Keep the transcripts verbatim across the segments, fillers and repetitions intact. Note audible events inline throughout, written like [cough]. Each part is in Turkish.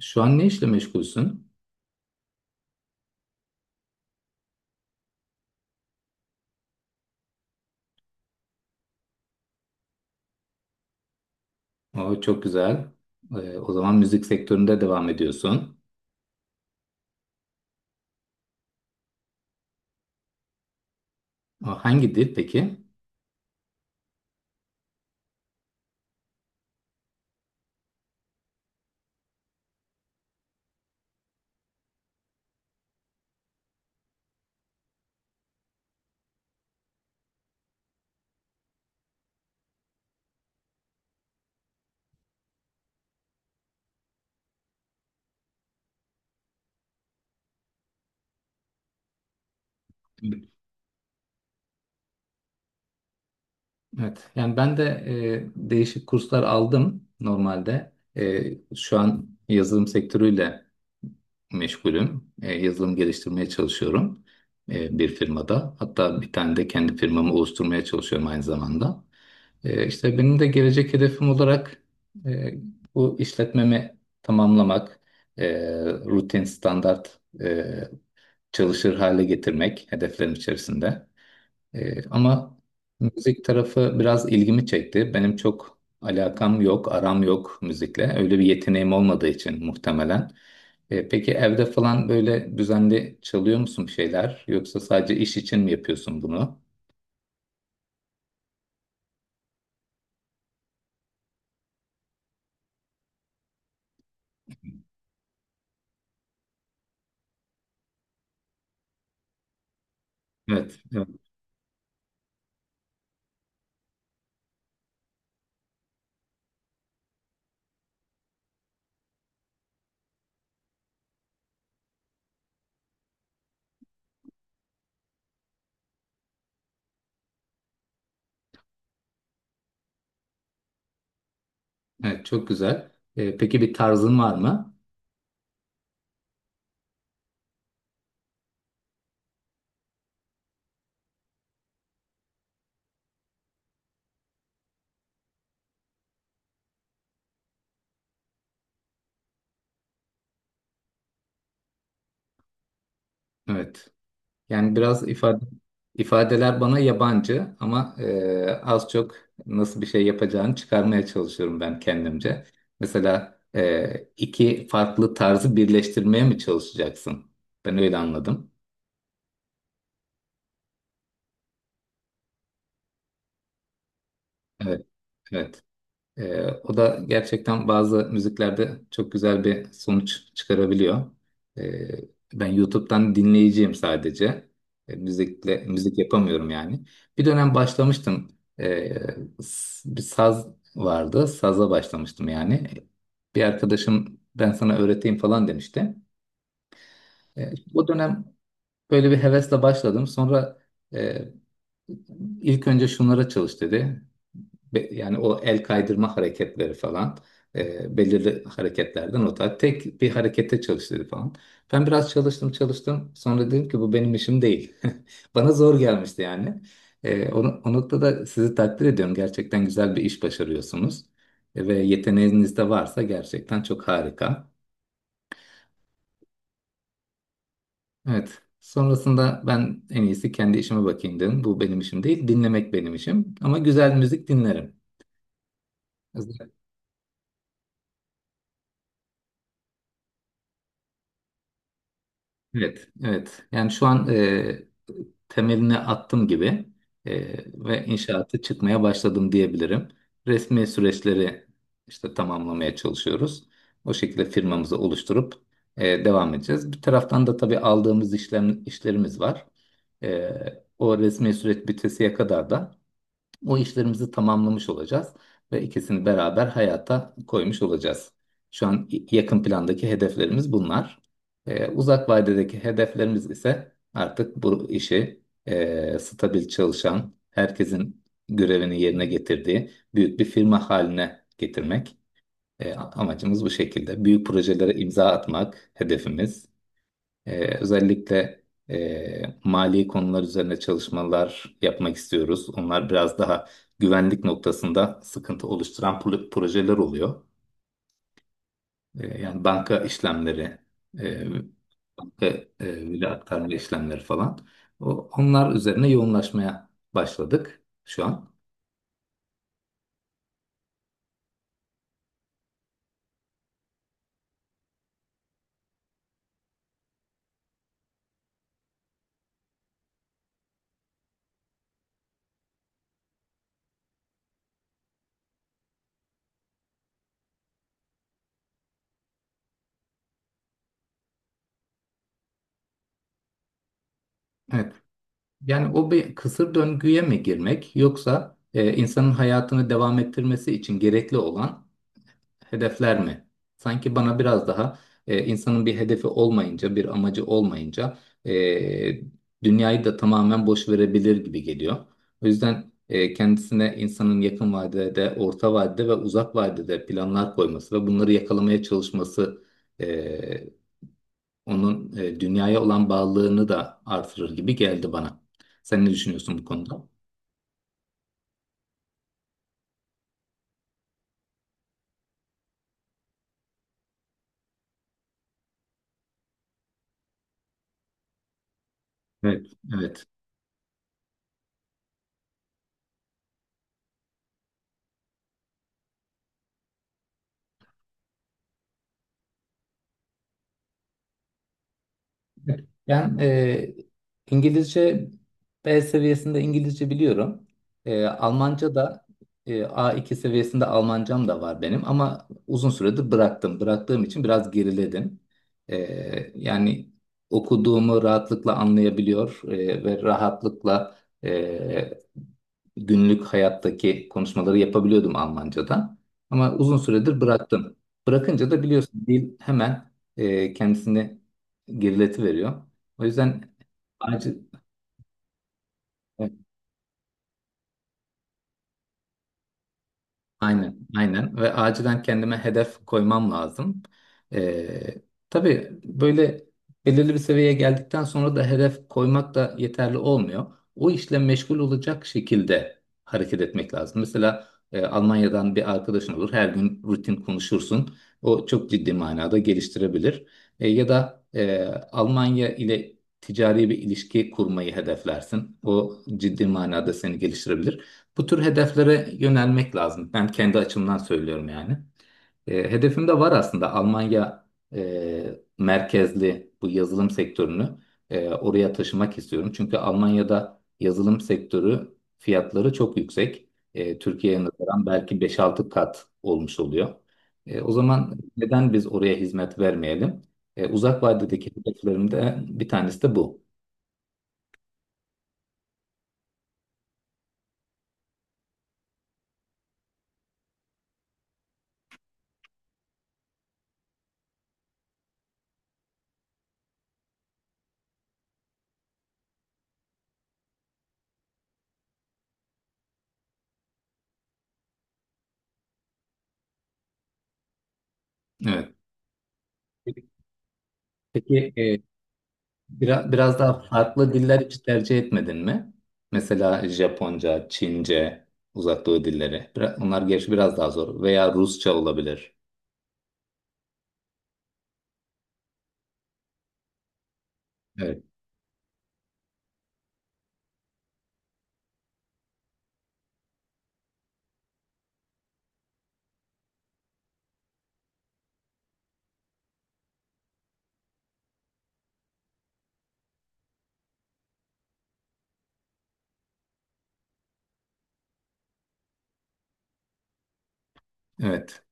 Şu an ne işle meşgulsün? O çok güzel. Ee, o zaman müzik sektöründe devam ediyorsun. O hangi dil peki? Evet. Yani ben de e, değişik kurslar aldım normalde. E, şu an yazılım sektörüyle meşgulüm. E, yazılım geliştirmeye çalışıyorum e, bir firmada. Hatta bir tane de kendi firmamı oluşturmaya çalışıyorum aynı zamanda. E, işte benim de gelecek hedefim olarak e, bu işletmemi tamamlamak, e, rutin, standart e, çalışır hale getirmek hedeflerim içerisinde. E, ama müzik tarafı biraz ilgimi çekti. Benim çok alakam yok, aram yok müzikle. Öyle bir yeteneğim olmadığı için muhtemelen. E, peki evde falan böyle düzenli çalıyor musun bir şeyler? Yoksa sadece iş için mi yapıyorsun bunu? Evet. Evet, çok güzel. Ee, peki bir tarzın var mı? Evet. Yani biraz ifade ifadeler bana yabancı ama e, az çok nasıl bir şey yapacağını çıkarmaya çalışıyorum ben kendimce. Mesela e, iki farklı tarzı birleştirmeye mi çalışacaksın? Ben öyle anladım. Evet, evet. Ee, o da gerçekten bazı müziklerde çok güzel bir sonuç çıkarabiliyor. Ee, Ben YouTube'dan dinleyiciyim sadece. Ee, müzikle müzik yapamıyorum yani. Bir dönem başlamıştım. Ee, s- Bir saz vardı. Saza başlamıştım yani. Bir arkadaşım ben sana öğreteyim falan demişti. Ee, o dönem böyle bir hevesle başladım. Sonra e, İlk önce şunlara çalış dedi. Be- yani o el kaydırma hareketleri falan e, belirli hareketlerden o tarz. Tek bir harekete çalış dedi falan. Ben biraz çalıştım çalıştım. Sonra dedim ki bu benim işim değil. [laughs] Bana zor gelmişti yani. E, o, o noktada sizi takdir ediyorum. Gerçekten güzel bir iş başarıyorsunuz. E, ve yeteneğiniz de varsa gerçekten çok harika. Evet. Sonrasında ben en iyisi kendi işime bakayım dedim. Bu benim işim değil. Dinlemek benim işim. Ama güzel müzik dinlerim. Evet, evet. Yani şu an e, temelini attım gibi e, ve inşaatı çıkmaya başladım diyebilirim. Resmi süreçleri işte tamamlamaya çalışıyoruz. O şekilde firmamızı oluşturup e, devam edeceğiz. Bir taraftan da tabii aldığımız işlem, işlerimiz var. E, O resmi süreç bitesiye kadar da o işlerimizi tamamlamış olacağız ve ikisini beraber hayata koymuş olacağız. Şu an y- yakın plandaki hedeflerimiz bunlar. Ee, uzak vadedeki hedeflerimiz ise artık bu işi e, stabil çalışan, herkesin görevini yerine getirdiği büyük bir firma haline getirmek. E, amacımız bu şekilde. Büyük projelere imza atmak hedefimiz. Ee, özellikle e, mali konular üzerine çalışmalar yapmak istiyoruz. Onlar biraz daha güvenlik noktasında sıkıntı oluşturan pro- projeler oluyor. Ee, yani banka işlemleri, e, banka e, veri aktarma işlemleri falan. O, onlar üzerine yoğunlaşmaya başladık şu an. Evet. Yani o bir kısır döngüye mi girmek yoksa e, insanın hayatını devam ettirmesi için gerekli olan hedefler mi? Sanki bana biraz daha e, insanın bir hedefi olmayınca, bir amacı olmayınca e, dünyayı da tamamen boş verebilir gibi geliyor. O yüzden e, kendisine insanın yakın vadede, orta vadede ve uzak vadede planlar koyması ve bunları yakalamaya çalışması e, onun e, dünyaya olan bağlılığını da artırır gibi geldi bana. Sen ne düşünüyorsun bu konuda? Evet, evet. Ben e, İngilizce B seviyesinde İngilizce biliyorum. E, Almanca da e, A iki seviyesinde Almancam da var benim ama uzun süredir bıraktım. Bıraktığım için biraz geriledim. E, Yani okuduğumu rahatlıkla anlayabiliyor e, ve rahatlıkla e, günlük hayattaki konuşmaları yapabiliyordum Almanca'da. Ama uzun süredir bıraktım. Bırakınca da biliyorsun dil hemen e, kendisini gerileti veriyor. O yüzden acil, e, aynen, aynen ve acilen kendime hedef koymam lazım. Ee, tabii böyle belirli bir seviyeye geldikten sonra da hedef koymak da yeterli olmuyor. O işle meşgul olacak şekilde hareket etmek lazım. Mesela e, Almanya'dan bir arkadaşın olur, her gün rutin konuşursun. O çok ciddi manada geliştirebilir. E, ya da e, Almanya ile ticari bir ilişki kurmayı hedeflersin. O ciddi manada seni geliştirebilir. Bu tür hedeflere yönelmek lazım. Ben kendi açımdan söylüyorum yani. E, hedefim de var aslında Almanya e, merkezli bu yazılım sektörünü e, oraya taşımak istiyorum. Çünkü Almanya'da yazılım sektörü fiyatları çok yüksek. E, Türkiye'ye nazaran belki beş-altı kat olmuş oluyor. E, o zaman neden biz oraya hizmet vermeyelim? E, uzak vadedeki hedeflerimde bir tanesi de bu. Evet. Peki e, Biraz, biraz daha farklı diller hiç tercih etmedin mi? Mesela Japonca, Çince, Uzak Doğu dilleri. Bira- onlar gerçi biraz daha zor. Veya Rusça olabilir. Evet. Evet.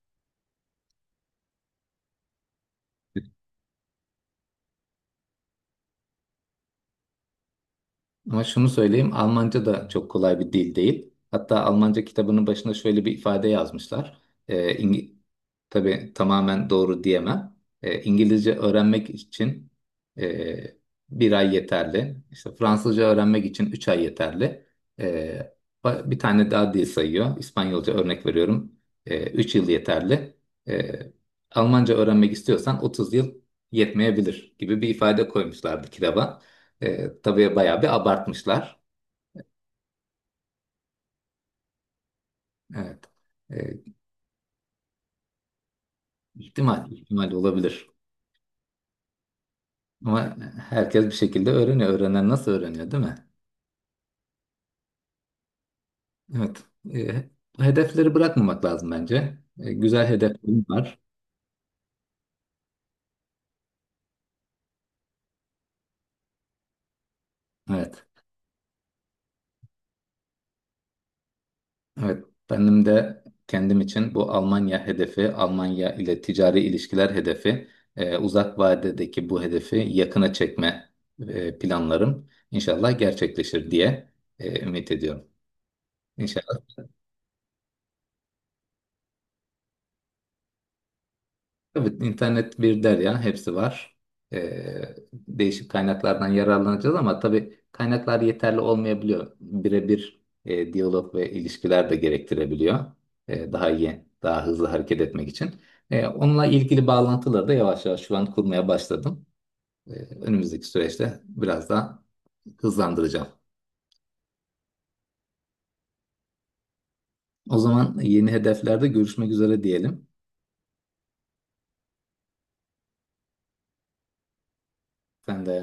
Ama şunu söyleyeyim, Almanca da çok kolay bir dil değil. Hatta Almanca kitabının başında şöyle bir ifade yazmışlar. Ee, İngi- tabii tamamen doğru diyemem. Ee, İngilizce öğrenmek için e, bir ay yeterli. İşte Fransızca öğrenmek için üç ay yeterli. Ee, ba- Bir tane daha dil sayıyor. İspanyolca örnek veriyorum. Ee, üç yıl yeterli. Ee, Almanca öğrenmek istiyorsan otuz yıl yetmeyebilir gibi bir ifade koymuşlardı kitaba. E, tabii bayağı bir abartmışlar. Evet. E, ihtimal, ihtimal olabilir. Ama herkes bir şekilde öğreniyor. Öğrenen nasıl öğreniyor, değil mi? Evet. E, Hedefleri bırakmamak lazım bence. E, güzel hedeflerim var. Evet. Evet. Benim de kendim için bu Almanya hedefi, Almanya ile ticari ilişkiler hedefi, e, uzak vadedeki bu hedefi yakına çekme e, planlarım inşallah gerçekleşir diye e, ümit ediyorum. İnşallah. Evet, internet bir derya, hepsi var. Ee, değişik kaynaklardan yararlanacağız ama tabii kaynaklar yeterli olmayabiliyor. Birebir e, diyalog ve ilişkiler de gerektirebiliyor. Ee, daha iyi, daha hızlı hareket etmek için. Ee, onunla ilgili bağlantıları da yavaş yavaş şu an kurmaya başladım. Ee, Önümüzdeki süreçte biraz daha hızlandıracağım. O zaman yeni hedeflerde görüşmek üzere diyelim. Sen de